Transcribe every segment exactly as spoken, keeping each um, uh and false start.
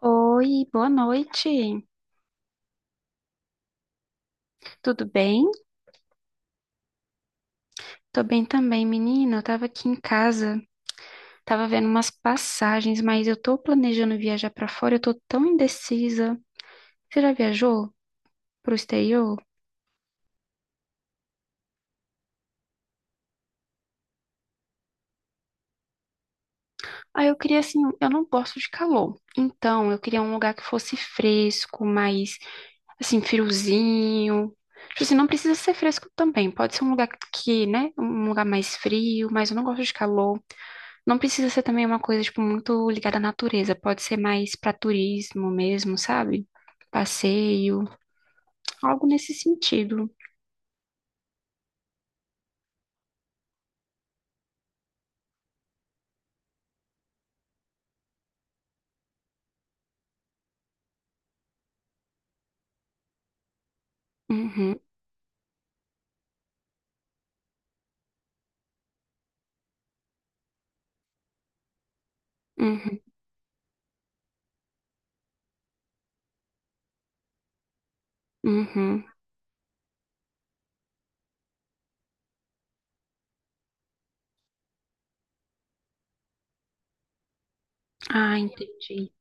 Oi, boa noite. Tudo bem? Tô bem também, menina. Eu tava aqui em casa, tava vendo umas passagens, mas eu tô planejando viajar pra fora, eu tô tão indecisa. Você já viajou pro exterior? Ah, eu queria assim, eu não gosto de calor. Então, eu queria um lugar que fosse fresco, mais assim, friozinho. Tipo assim, não precisa ser fresco também. Pode ser um lugar que, né, um lugar mais frio, mas eu não gosto de calor. Não precisa ser também uma coisa, tipo, muito ligada à natureza. Pode ser mais para turismo mesmo, sabe? Passeio, algo nesse sentido. Uhum, uhum, uhum. Ah, entendi.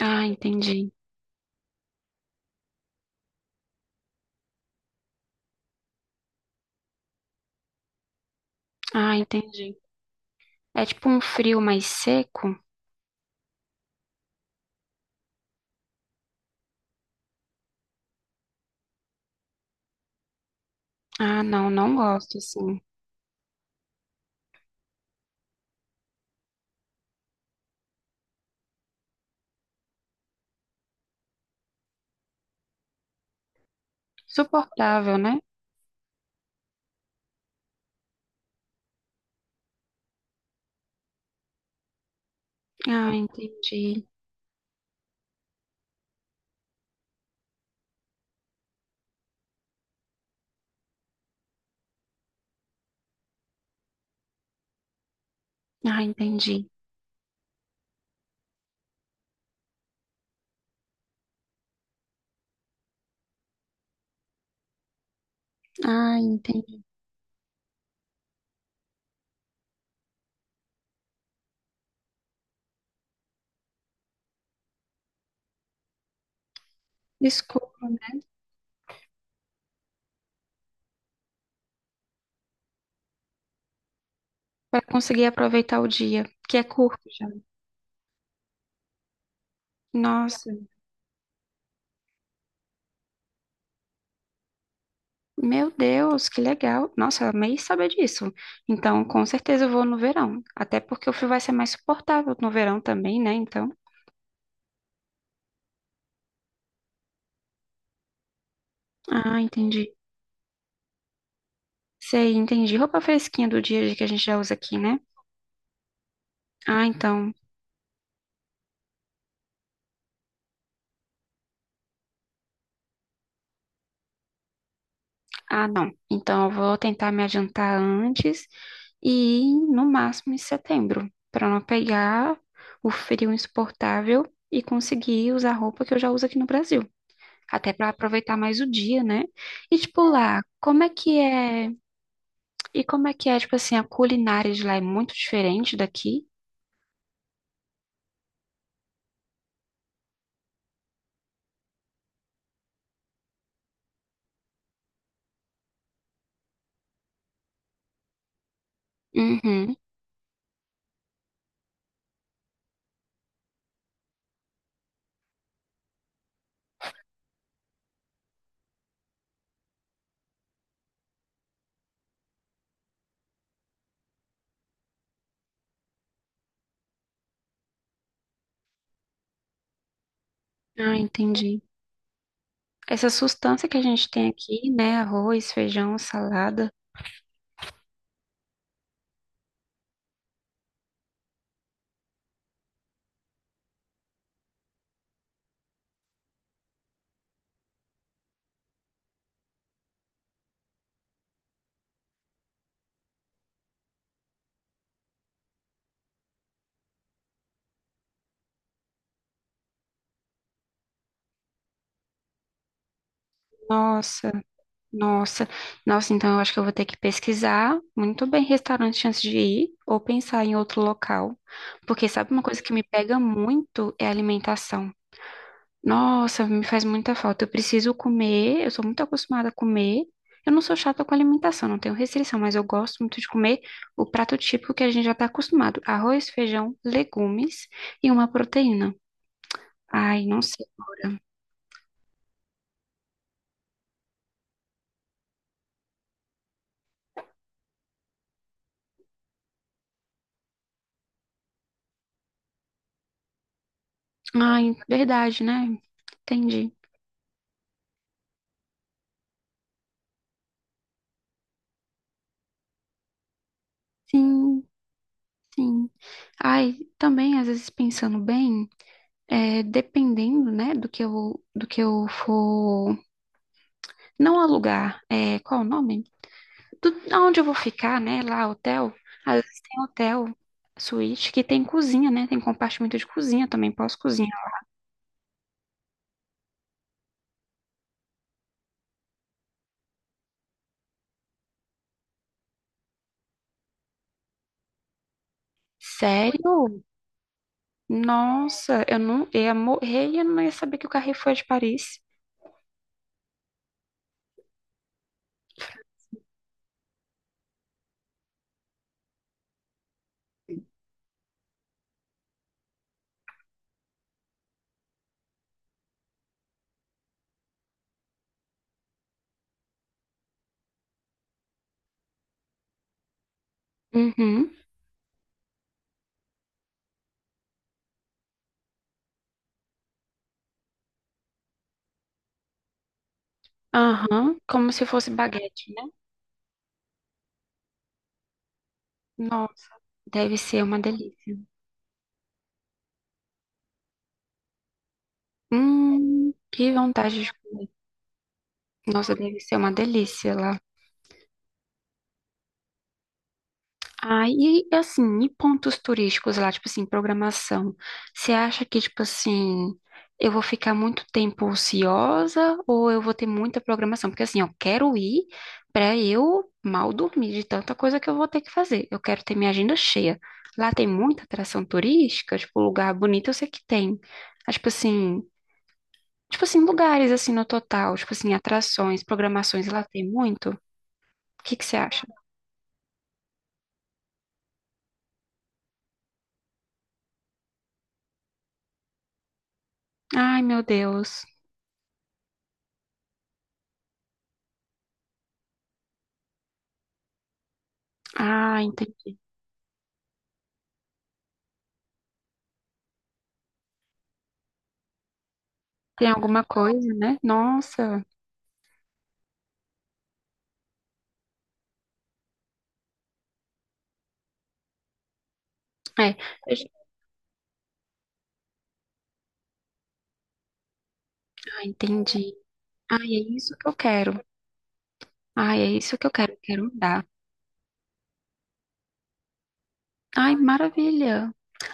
Ah, entendi. Ah, entendi. É tipo um frio mais seco? Ah, não, não gosto, assim. Suportável, né? Ah, entendi. Ah, entendi. Ah, entendi. Desculpa, né? Para conseguir aproveitar o dia, que é curto já. Nossa. Meu Deus, que legal. Nossa, eu amei saber disso. Então, com certeza eu vou no verão. Até porque o frio vai ser mais suportável no verão também, né? Então. Ah, entendi. Sei, entendi. Roupa fresquinha do dia a dia que a gente já usa aqui, né? Ah, então. Ah, não. Então eu vou tentar me adiantar antes e ir no máximo em setembro, para não pegar o frio insuportável e conseguir usar roupa que eu já uso aqui no Brasil. Até para aproveitar mais o dia, né? E tipo lá, como é que é. E como é que é, tipo assim, a culinária de lá é muito diferente daqui? Uhum. Ah, entendi. Essa sustância que a gente tem aqui, né? Arroz, feijão, salada. Nossa, nossa. Nossa, então eu acho que eu vou ter que pesquisar muito bem restaurante antes de ir ou pensar em outro local. Porque sabe uma coisa que me pega muito é a alimentação. Nossa, me faz muita falta. Eu preciso comer, eu sou muito acostumada a comer. Eu não sou chata com alimentação, não tenho restrição, mas eu gosto muito de comer o prato típico que a gente já está acostumado: arroz, feijão, legumes e uma proteína. Ai, não sei agora. Ai, verdade, né? Entendi. Sim, sim. Ai, também, às vezes, pensando bem, é, dependendo, né, do que eu, do que eu for. Não alugar, é, qual o nome? Do, aonde eu vou ficar, né? Lá, hotel. Às vezes tem hotel, suíte, que tem cozinha, né? Tem compartimento de cozinha também, posso cozinhar. Sério? Nossa, eu não eu ia morrer e eu não ia saber que o Carrefour é de Paris. Uhum, aham. Como se fosse baguete, né? Nossa, deve ser uma delícia. Hum, que vontade de... Nossa, deve ser uma delícia lá. Ah, e assim, e pontos turísticos lá, tipo assim, programação. Você acha que, tipo assim, eu vou ficar muito tempo ociosa ou eu vou ter muita programação? Porque assim, eu quero ir pra eu mal dormir de tanta coisa que eu vou ter que fazer. Eu quero ter minha agenda cheia. Lá tem muita atração turística, tipo, lugar bonito eu sei que tem. Mas, tipo assim, tipo assim, lugares assim no total, tipo assim, atrações, programações, lá tem muito. O que que você acha? Ai, meu Deus. Ah, entendi. Tem alguma coisa, né? Nossa, é. Ah, entendi. Ai, é isso que eu quero. Ai, é isso que eu quero. Eu quero mudar. Ai, maravilha.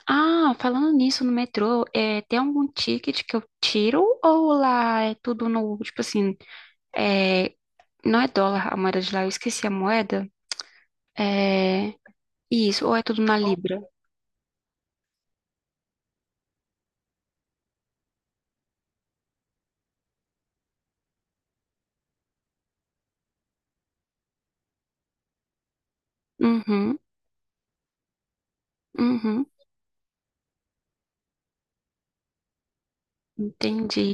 Ah, falando nisso, no metrô, é, tem algum ticket que eu tiro ou lá é tudo no, tipo assim, é, não é dólar a moeda de lá, eu esqueci a moeda. É, isso, ou é tudo na libra? Uhum, uhum, entendi.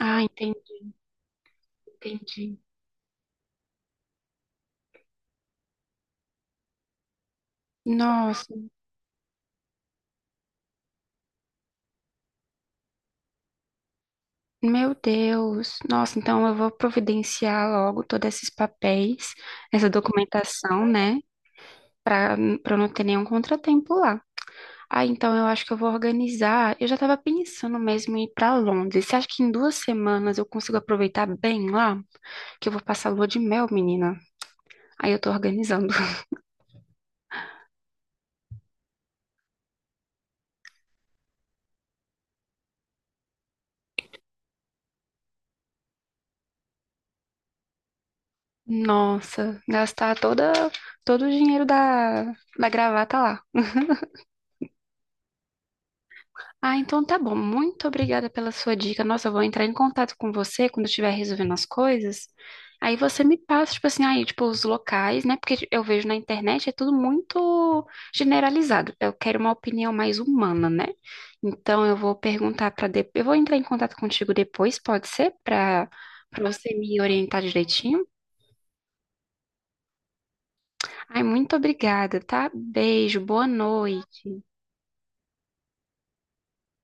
Ah, entendi, entendi. Nossa. Meu Deus, nossa, então eu vou providenciar logo todos esses papéis, essa documentação, né? Para para não ter nenhum contratempo lá. Ah, então eu acho que eu vou organizar. Eu já estava pensando mesmo em ir para Londres. Você acha que em duas semanas eu consigo aproveitar bem lá? Que eu vou passar lua de mel, menina. Aí eu tô organizando. Nossa, gastar toda, todo o dinheiro da, da gravata lá. Ah, então tá bom. Muito obrigada pela sua dica. Nossa, eu vou entrar em contato com você quando eu estiver resolvendo as coisas. Aí você me passa, tipo assim, aí, tipo, os locais, né? Porque eu vejo na internet é tudo muito generalizado. Eu quero uma opinião mais humana, né? Então eu vou perguntar para depois. Eu vou entrar em contato contigo depois, pode ser? Para para você me orientar direitinho. Ai, muito obrigada, tá? Beijo, boa noite.